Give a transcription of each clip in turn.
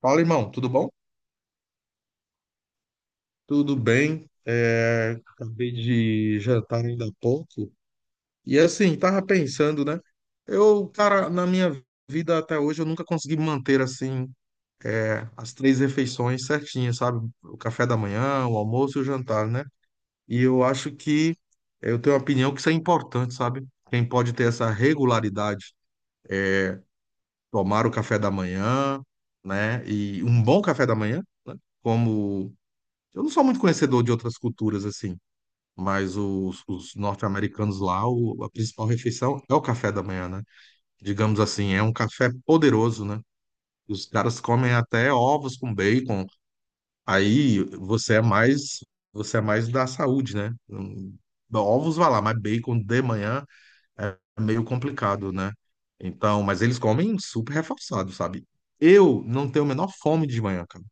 Fala, irmão, tudo bom? Tudo bem. Acabei de jantar ainda há pouco. E assim, tava pensando, né? Na minha vida até hoje, eu nunca consegui manter assim as três refeições certinhas, sabe? O café da manhã, o almoço e o jantar, né? E eu acho que eu tenho a opinião que isso é importante, sabe? Quem pode ter essa regularidade, tomar o café da manhã, né? E um bom café da manhã, né? Como eu não sou muito conhecedor de outras culturas assim, mas os norte-americanos lá, a principal refeição é o café da manhã, né? Digamos assim, é um café poderoso, né? Os caras comem até ovos com bacon. Aí você é mais da saúde, né? Ovos vai lá, mas bacon de manhã é meio complicado, né? Então, mas eles comem super reforçado, sabe? Eu não tenho a menor fome de manhã, cara.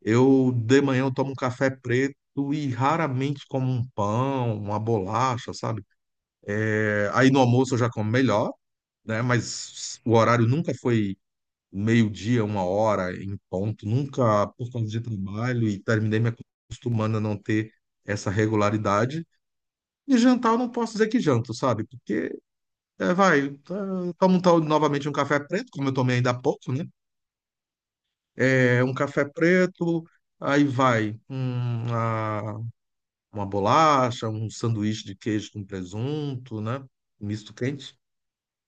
Eu de manhã eu tomo um café preto e raramente como um pão, uma bolacha, sabe? É, aí no almoço eu já como melhor, né? Mas o horário nunca foi meio-dia, uma hora em ponto, nunca por causa de trabalho e terminei me acostumando a não ter essa regularidade. E jantar eu não posso dizer que janto, sabe? Porque é, vai, eh, tomo novamente um café preto, como eu tomei ainda há pouco, né? É, um café preto, aí vai. Uma bolacha, um sanduíche de queijo com presunto, né? Misto quente.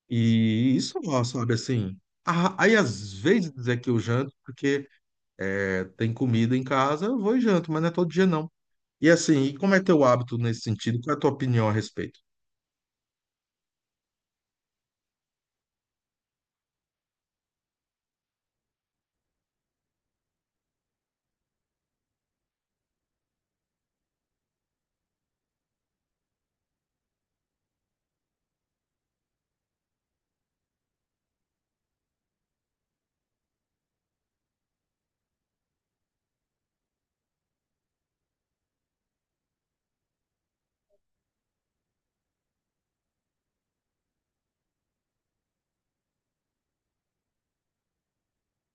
E isso, ó, sabe, assim. Aí às vezes é que eu janto, porque é, tem comida em casa, eu vou e janto, mas não é todo dia não. E assim, e como é teu hábito nesse sentido? Qual é a tua opinião a respeito?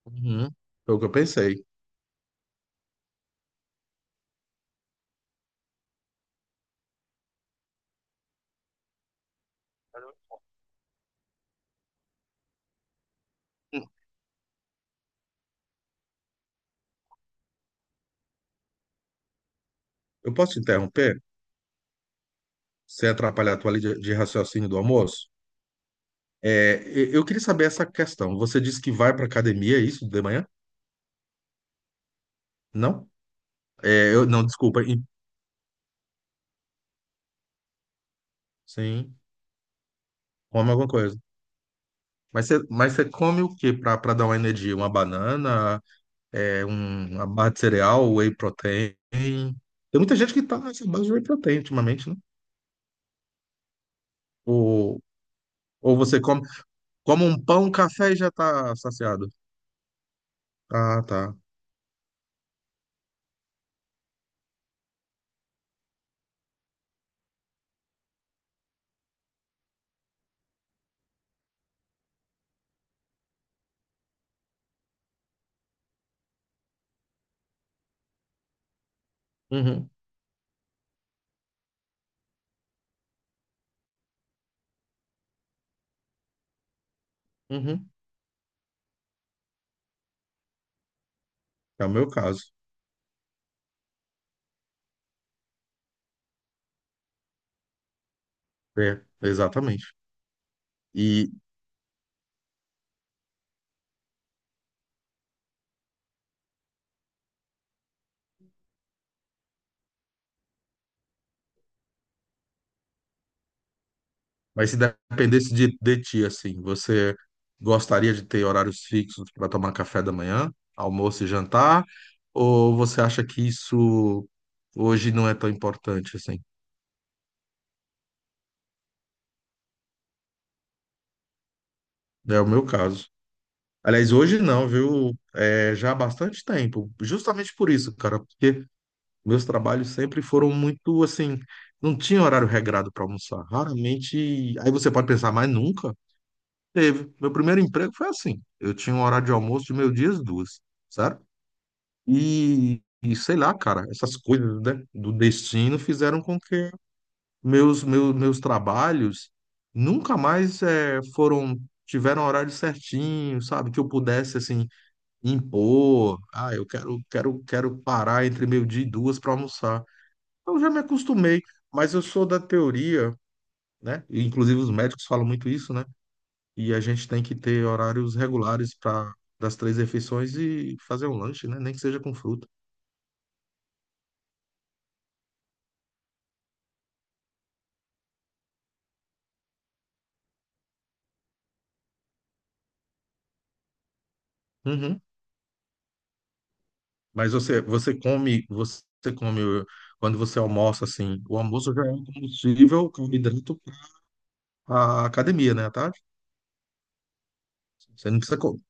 Uhum. Foi o que eu pensei. Eu posso te interromper? Sem atrapalhar a tua linha de raciocínio do almoço? É, eu queria saber essa questão. Você disse que vai para academia, é isso, de manhã? Não? Desculpa. Sim. Come alguma coisa. Mas você come o que para dar uma energia? Uma banana, uma barra de cereal, whey protein. Tem muita gente que tá nessa base de whey protein ultimamente, né? Ou, ou você come, come um pão, um café e já tá saciado. Ah, tá. Uhum, uhum. É o meu caso. É, exatamente. Mas se dependesse de ti, assim, você gostaria de ter horários fixos para tomar café da manhã, almoço e jantar? Ou você acha que isso hoje não é tão importante assim? É o meu caso. Aliás, hoje não, viu? É, já há bastante tempo. Justamente por isso, cara, porque meus trabalhos sempre foram muito assim, não tinha horário regrado para almoçar. Raramente. Aí você pode pensar, mas nunca teve. Meu primeiro emprego foi assim. Eu tinha um horário de almoço de meio-dia às duas. Certo? E sei lá, cara, essas coisas, né, do destino fizeram com que meus trabalhos nunca mais tiveram horário certinho, sabe? Que eu pudesse, assim, impor. Ah, eu quero, quero, quero parar entre meio-dia e duas para almoçar. Eu já me acostumei, mas eu sou da teoria, né? Inclusive os médicos falam muito isso, né? E a gente tem que ter horários regulares para das três refeições e fazer um lanche, né? Nem que seja com fruta. Uhum. Você come quando você almoça assim, o almoço já é um combustível, carboidrato para a academia, né, à tarde? Você não precisa comer.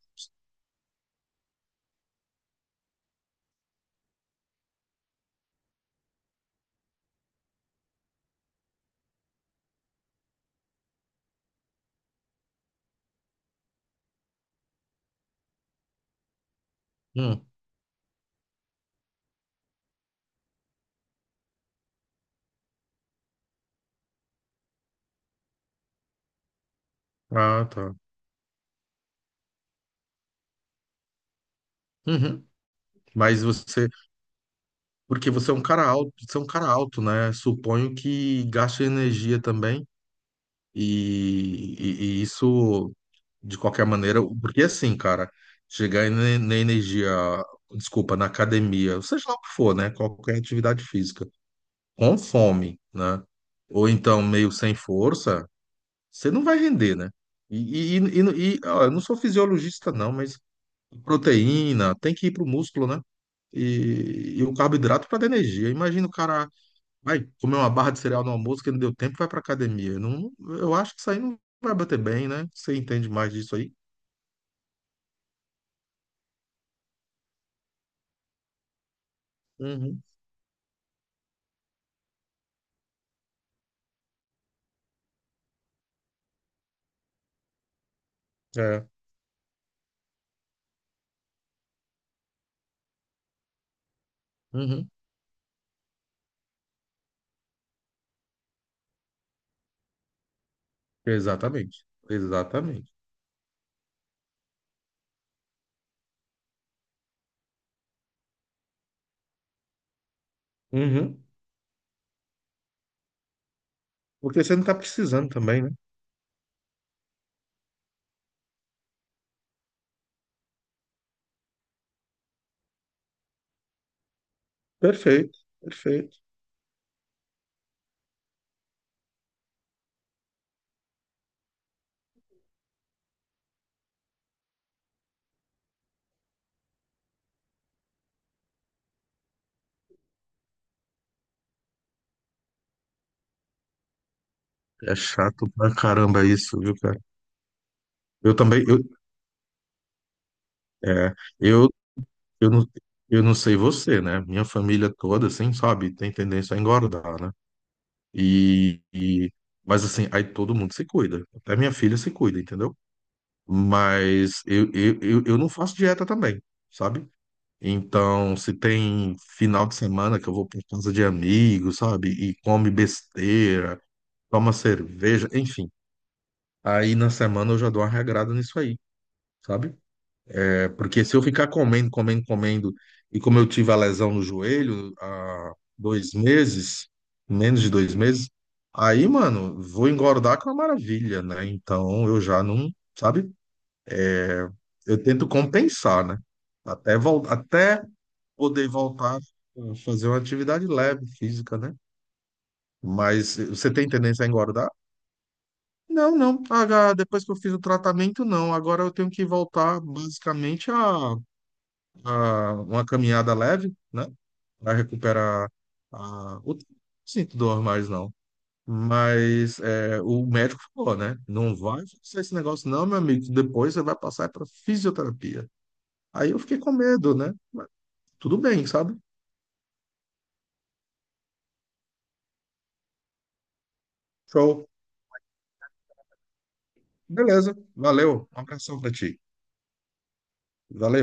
Hum. Ah, tá. Uhum. Mas você, porque você é um cara alto, você é um cara alto, né? Suponho que gasta energia também e isso de qualquer maneira, porque assim, cara, chegar na na energia, desculpa, na academia, seja lá o que for, né? Qualquer atividade física com fome, né? Ou então meio sem força, você não vai render, né? Ó, eu não sou fisiologista, não, mas proteína tem que ir pro músculo, né? E o carboidrato para dar energia. Imagina o cara vai comer uma barra de cereal no almoço que não deu tempo, vai pra academia. Não, eu acho que isso aí não vai bater bem, né? Você entende mais disso aí? Uhum. É. Uhum. Exatamente. Exatamente. Uhum. Porque você não tá precisando também, né? Perfeito. Perfeito. É chato pra caramba isso, viu, cara? Eu também, eu, é, eu, eu não, eu não sei você, né? Minha família toda, assim, sabe, tem tendência a engordar, né? E, e- mas assim, aí todo mundo se cuida. Até minha filha se cuida, entendeu? Mas eu não faço dieta também, sabe? Então, se tem final de semana que eu vou pra casa de amigos, sabe? E come besteira, toma cerveja, enfim. Aí na semana eu já dou uma regrada nisso aí. Sabe? É porque se eu ficar comendo, comendo, comendo, e como eu tive a lesão no joelho há dois meses, menos de dois meses, aí, mano, vou engordar com a maravilha, né? Então eu já não, sabe? Eu tento compensar, né? Até, até poder voltar a fazer uma atividade leve, física, né? Mas eh, você tem tendência a engordar? Não, não. Ah, depois que eu fiz o tratamento, não. Agora eu tenho que voltar basicamente a uma caminhada leve. Né? Para recuperar a, o sinto dor mais não. Mas é, o médico falou, né? Não vai fazer esse negócio, não, meu amigo. Depois você vai passar para fisioterapia. Aí eu fiquei com medo, né? Mas tudo bem, sabe? Show. Beleza. Valeu. Um abração para ti. Valeu.